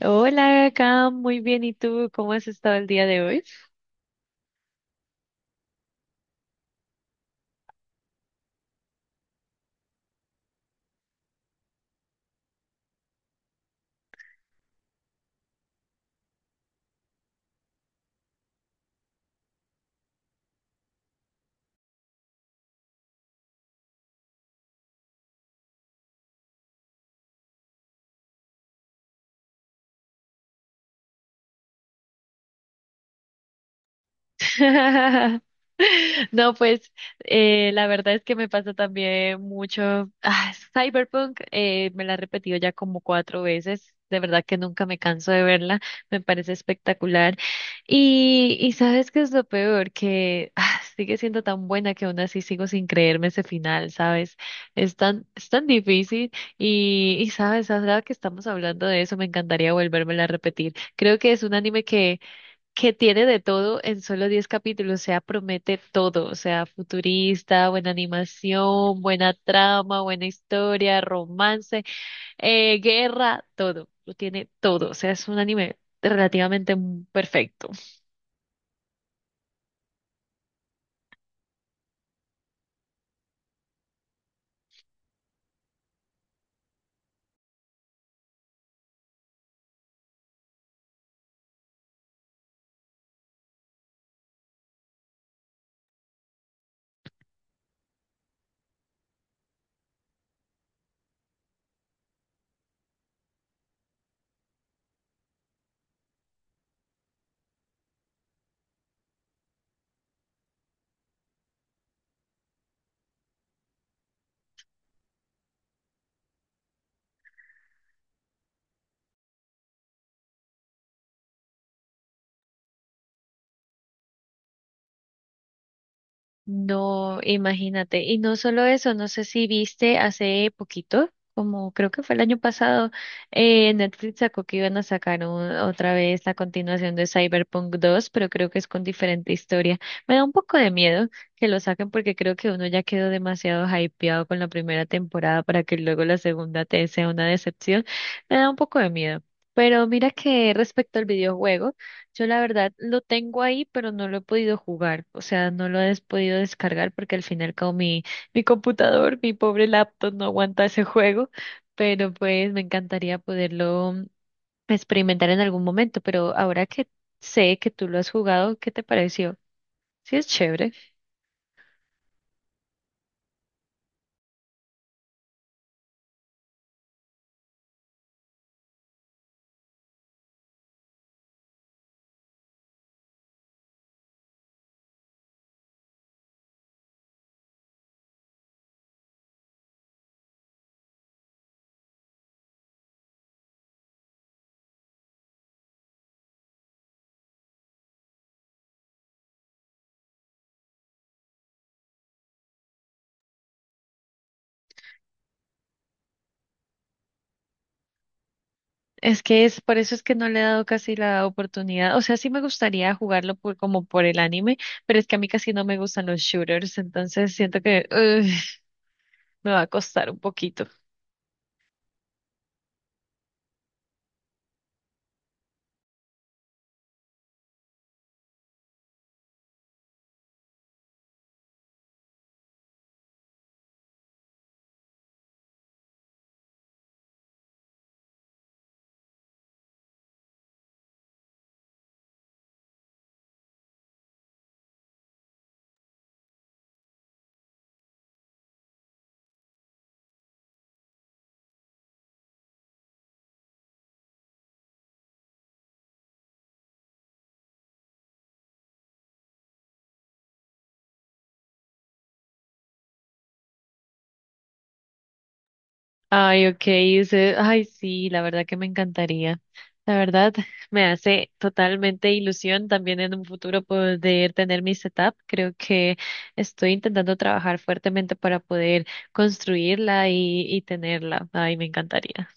Hola, acá muy bien. ¿Y tú cómo has estado el día de hoy? No, pues la verdad es que me pasa también mucho. Ah, Cyberpunk me la he repetido ya como cuatro veces. De verdad que nunca me canso de verla. Me parece espectacular. Y sabes qué es lo peor, que sigue siendo tan buena que aún así sigo sin creerme ese final, ¿sabes? Es tan difícil. Y sabes, ahora que estamos hablando de eso, me encantaría volvérmela a repetir. Creo que es un anime que tiene de todo en solo 10 capítulos, o sea, promete todo, o sea, futurista, buena animación, buena trama, buena historia, romance, guerra, todo, lo tiene todo, o sea, es un anime relativamente perfecto. No, imagínate. Y no solo eso, no sé si viste hace poquito, como creo que fue el año pasado, Netflix sacó que iban a sacar otra vez la continuación de Cyberpunk 2, pero creo que es con diferente historia. Me da un poco de miedo que lo saquen porque creo que uno ya quedó demasiado hypeado con la primera temporada para que luego la segunda te sea una decepción. Me da un poco de miedo. Pero mira que respecto al videojuego. Yo la verdad lo tengo ahí, pero no lo he podido jugar, o sea, no lo he podido descargar porque al final como mi computador, mi pobre laptop no aguanta ese juego, pero pues me encantaría poderlo experimentar en algún momento, pero ahora que sé que tú lo has jugado, ¿qué te pareció? Sí, es chévere. Es que es, por eso es que no le he dado casi la oportunidad, o sea, sí me gustaría jugarlo por, como por el anime, pero es que a mí casi no me gustan los shooters, entonces siento que ugh, me va a costar un poquito. Ay, ok, dice, ay, sí, la verdad que me encantaría. La verdad, me hace totalmente ilusión también en un futuro poder tener mi setup. Creo que estoy intentando trabajar fuertemente para poder construirla y tenerla. Ay, me encantaría.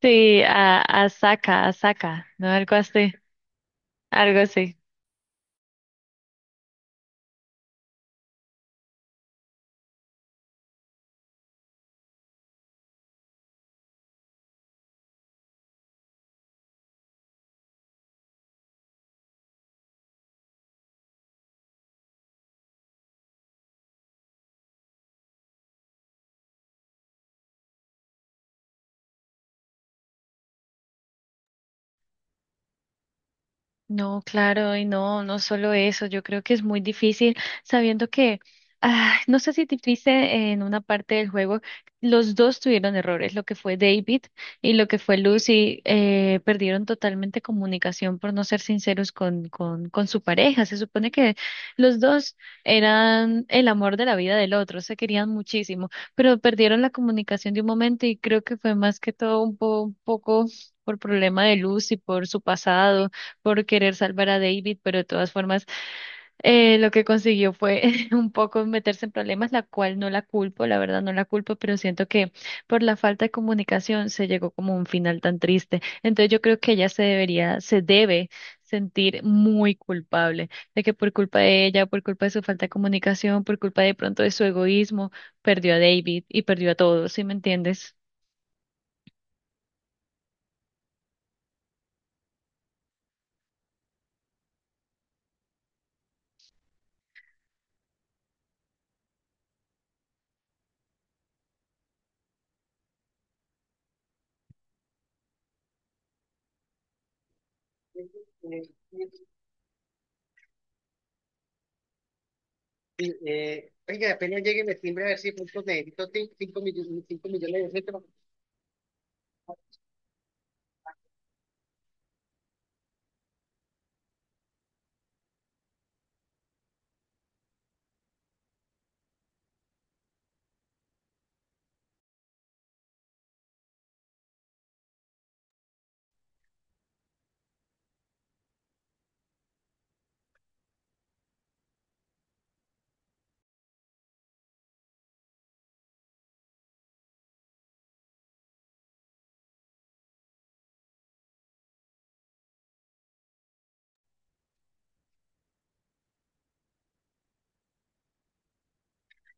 Sí, a Asaka, Asaka, ¿no? Algo así, algo así. No, claro, y no, no solo eso, yo creo que es muy difícil sabiendo que, ah, no sé si te viste en una parte del juego, los dos tuvieron errores, lo que fue David y lo que fue Lucy, perdieron totalmente comunicación por no ser sinceros con su pareja. Se supone que los dos eran el amor de la vida del otro, se querían muchísimo, pero perdieron la comunicación de un momento y creo que fue más que todo un poco por problema de Lucy, por su pasado por querer salvar a David, pero de todas formas lo que consiguió fue un poco meterse en problemas, la cual no la culpo, la verdad no la culpo, pero siento que por la falta de comunicación se llegó como a un final tan triste. Entonces yo creo que se debe sentir muy culpable de que por culpa de ella, por culpa de su falta de comunicación, por culpa de pronto de su egoísmo, perdió a David y perdió a todos, ¿sí me entiendes?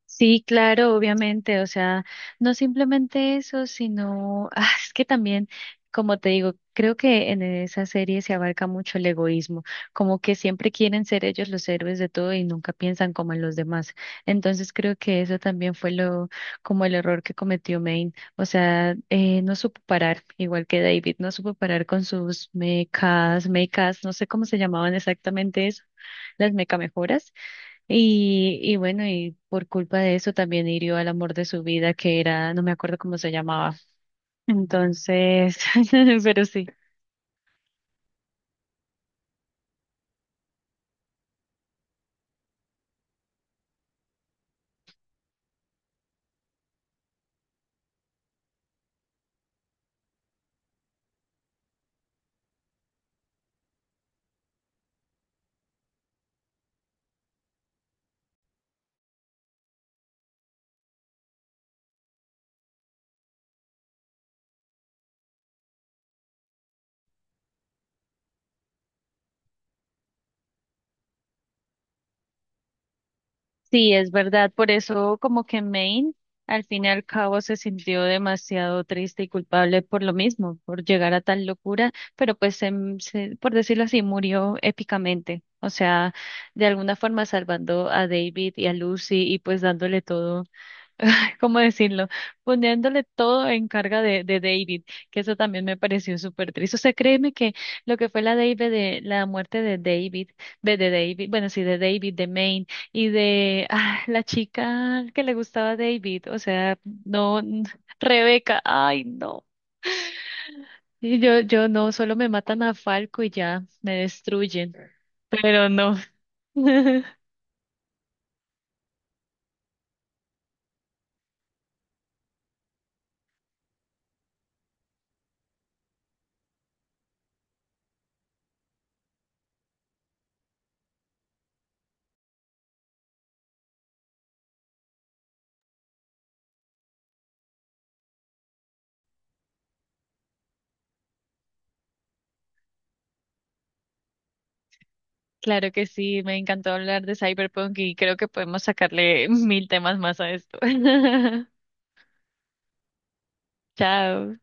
Sí, claro, obviamente, o sea, no simplemente eso, sino, ah, es que también, como te digo, creo que en esa serie se abarca mucho el egoísmo, como que siempre quieren ser ellos los héroes de todo y nunca piensan como en los demás. Entonces creo que eso también fue lo, como el error que cometió Maine, o sea, no supo parar, igual que David, no supo parar con sus mecas, no sé cómo se llamaban exactamente eso, las mecamejoras y bueno, y por culpa de eso también hirió al amor de su vida, que era, no me acuerdo cómo se llamaba. Entonces, pero sí, sí, es verdad. Por eso como que Maine al fin y al cabo se sintió demasiado triste y culpable por lo mismo, por llegar a tal locura, pero por decirlo así, murió épicamente. O sea, de alguna forma salvando a David y a Lucy y pues dándole todo. Ay, ¿cómo decirlo? Poniéndole todo en carga de David, que eso también me pareció súper triste. O sea, créeme que lo que fue la muerte de David, bueno, sí, de Maine, y de ah, la chica que le gustaba a David, o sea, no, n- Rebeca, ay, no. Y yo no, solo me matan a Falco y ya, me destruyen, pero no. Claro que sí, me encantó hablar de Cyberpunk y creo que podemos sacarle mil temas más a esto. Chao.